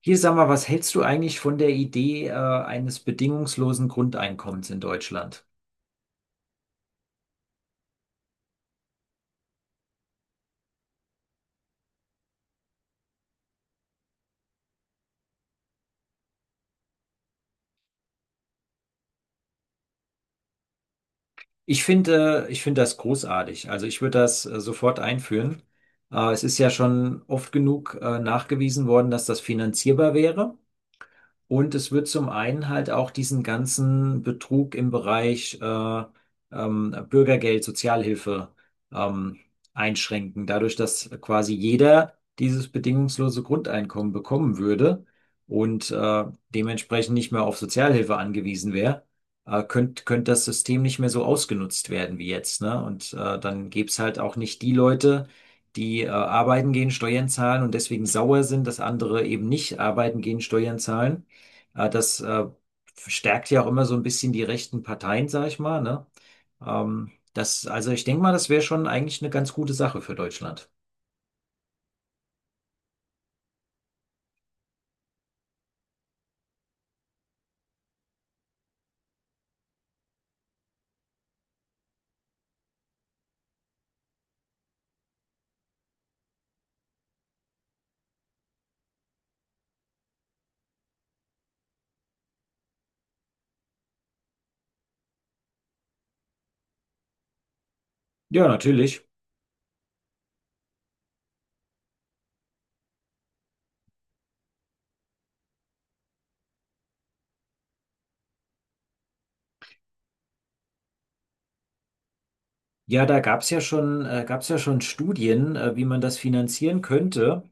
Hier, sag mal, was hältst du eigentlich von der Idee, eines bedingungslosen Grundeinkommens in Deutschland? Ich finde das großartig. Also ich würde das, sofort einführen. Es ist ja schon oft genug, nachgewiesen worden, dass das finanzierbar wäre. Und es wird zum einen halt auch diesen ganzen Betrug im Bereich Bürgergeld, Sozialhilfe ähm, einschränken, dadurch, dass quasi jeder dieses bedingungslose Grundeinkommen bekommen würde und dementsprechend nicht mehr auf Sozialhilfe angewiesen wäre, könnte könnt das System nicht mehr so ausgenutzt werden wie jetzt, ne? Und dann gäbe es halt auch nicht die Leute, die arbeiten gehen, Steuern zahlen und deswegen sauer sind, dass andere eben nicht arbeiten gehen, Steuern zahlen, das stärkt ja auch immer so ein bisschen die rechten Parteien, sag ich mal, ne? Das, also ich denke mal, das wäre schon eigentlich eine ganz gute Sache für Deutschland. Ja, natürlich. Ja, da gab's ja schon Studien, wie man das finanzieren könnte.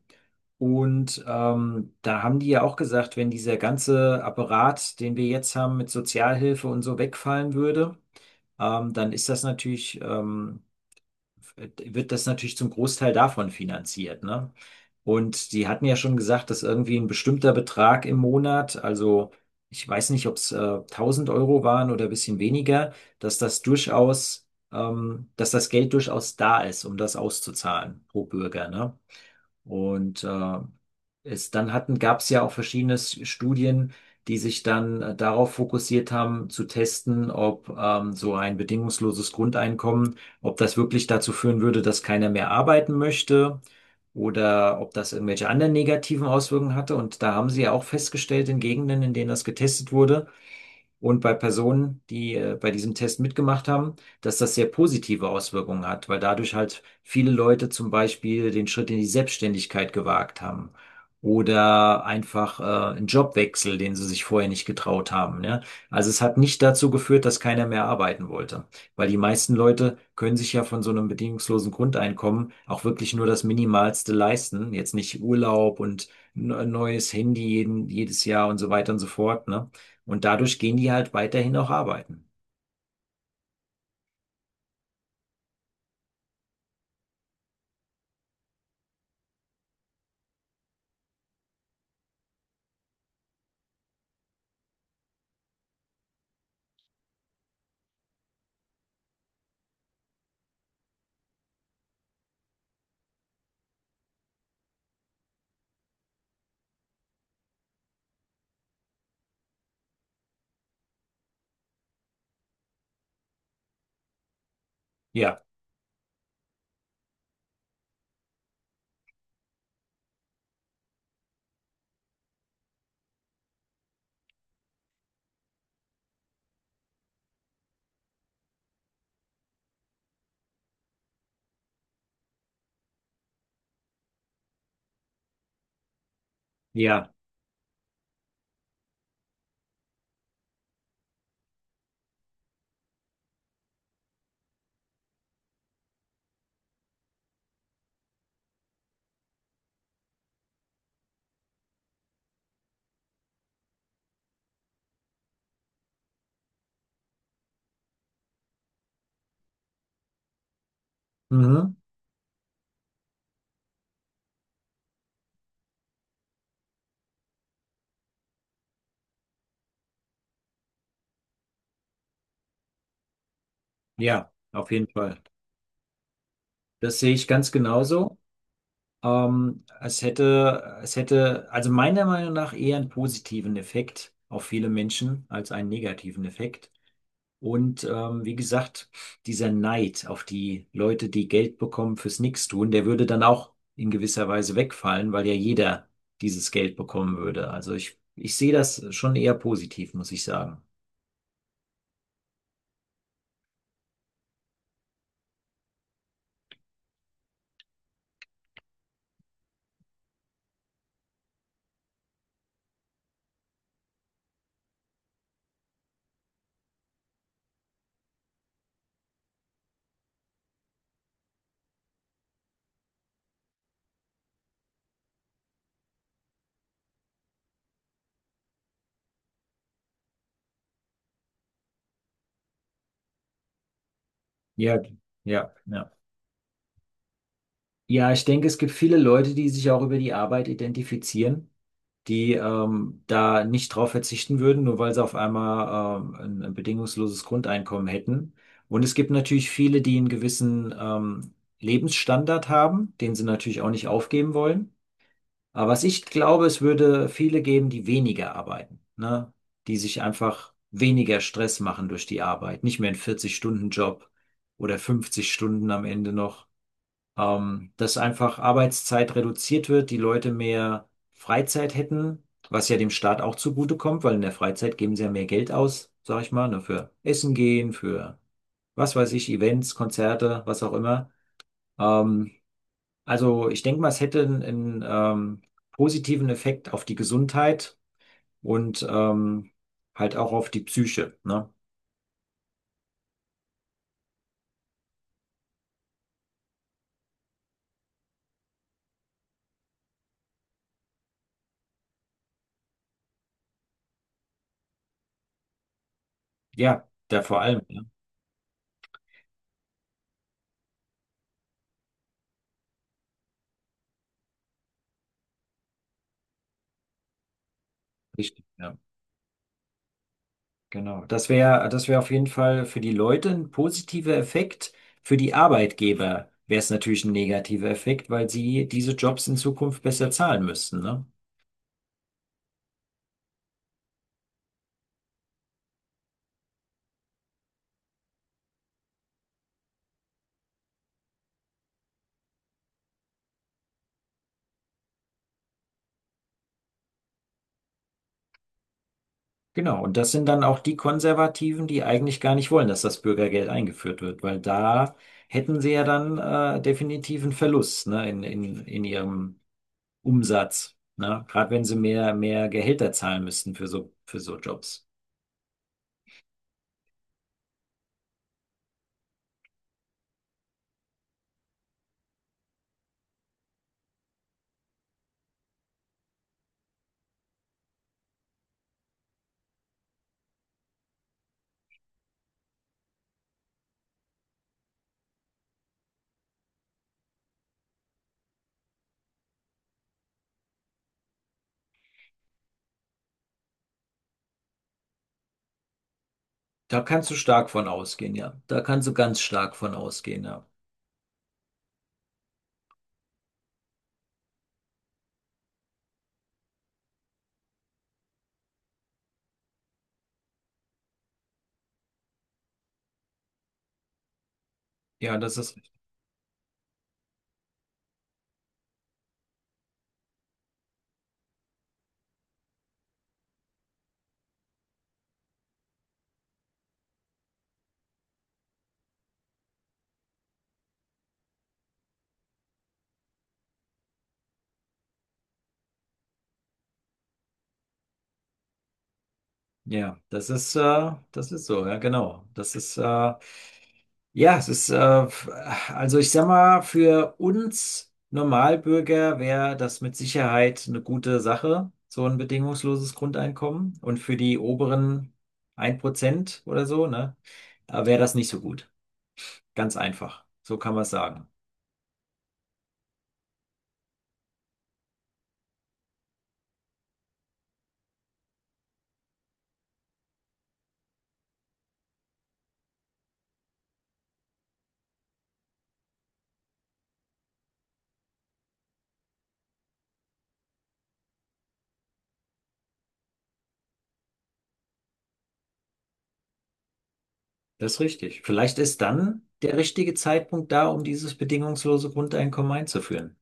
Und da haben die ja auch gesagt, wenn dieser ganze Apparat, den wir jetzt haben mit Sozialhilfe und so, wegfallen würde, dann ist das natürlich wird das natürlich zum Großteil davon finanziert, ne? Und die hatten ja schon gesagt, dass irgendwie ein bestimmter Betrag im Monat, also ich weiß nicht, ob es 1000 € waren oder ein bisschen weniger, dass das durchaus, dass das Geld durchaus da ist, um das auszuzahlen pro Bürger, ne? Und gab es ja auch verschiedene Studien, die sich dann darauf fokussiert haben, zu testen, ob so ein bedingungsloses Grundeinkommen, ob das wirklich dazu führen würde, dass keiner mehr arbeiten möchte oder ob das irgendwelche anderen negativen Auswirkungen hatte. Und da haben sie ja auch festgestellt, in Gegenden, in denen das getestet wurde, und bei Personen, die bei diesem Test mitgemacht haben, dass das sehr positive Auswirkungen hat, weil dadurch halt viele Leute zum Beispiel den Schritt in die Selbstständigkeit gewagt haben oder einfach einen Jobwechsel, den sie sich vorher nicht getraut haben. Ne? Also es hat nicht dazu geführt, dass keiner mehr arbeiten wollte, weil die meisten Leute können sich ja von so einem bedingungslosen Grundeinkommen auch wirklich nur das Minimalste leisten, jetzt nicht Urlaub und ein neues Handy jedes Jahr und so weiter und so fort, ne? Und dadurch gehen die halt weiterhin auch arbeiten. Ja, ja, mhm. Ja, auf jeden Fall. Das sehe ich ganz genauso. Es hätte also meiner Meinung nach eher einen positiven Effekt auf viele Menschen als einen negativen Effekt. Und wie gesagt, dieser Neid auf die Leute, die Geld bekommen fürs Nichtstun, der würde dann auch in gewisser Weise wegfallen, weil ja jeder dieses Geld bekommen würde. Also ich sehe das schon eher positiv, muss ich sagen. Ja, ja, ja. Ja, ich denke, es gibt viele Leute, die sich auch über die Arbeit identifizieren, die da nicht drauf verzichten würden, nur weil sie auf einmal ein bedingungsloses Grundeinkommen hätten. Und es gibt natürlich viele, die einen gewissen Lebensstandard haben, den sie natürlich auch nicht aufgeben wollen. Aber was ich glaube, es würde viele geben, die weniger arbeiten, ne? Die sich einfach weniger Stress machen durch die Arbeit, nicht mehr einen 40-Stunden-Job oder 50 Stunden am Ende noch. Dass einfach Arbeitszeit reduziert wird, die Leute mehr Freizeit hätten, was ja dem Staat auch zugutekommt, weil in der Freizeit geben sie ja mehr Geld aus, sag ich mal, ne, für Essen gehen, für was weiß ich, Events, Konzerte, was auch immer. Ähm, also ich denke mal, es hätte einen positiven Effekt auf die Gesundheit und halt auch auf die Psyche, ne? Ja, da vor allem, ja. Richtig, ja. Genau. Das wäre auf jeden Fall für die Leute ein positiver Effekt. Für die Arbeitgeber wäre es natürlich ein negativer Effekt, weil sie diese Jobs in Zukunft besser zahlen müssten, ne? Genau. Und das sind dann auch die Konservativen, die eigentlich gar nicht wollen, dass das Bürgergeld eingeführt wird, weil da hätten sie ja dann definitiv einen Verlust, ne, in ihrem Umsatz, ne? Gerade wenn sie mehr Gehälter zahlen müssten für für so Jobs. Da kannst du stark von ausgehen, ja. Da kannst du ganz stark von ausgehen, ja. Ja, das ist, ja, das ist so, ja, genau. Das ist, ja, es ist, f- also ich sag mal, für uns Normalbürger wäre das mit Sicherheit eine gute Sache, so ein bedingungsloses Grundeinkommen. Und für die oberen 1 Prozent oder so, ne, wäre das nicht so gut. Ganz einfach. So kann man es sagen. Das ist richtig. Vielleicht ist dann der richtige Zeitpunkt da, um dieses bedingungslose Grundeinkommen einzuführen.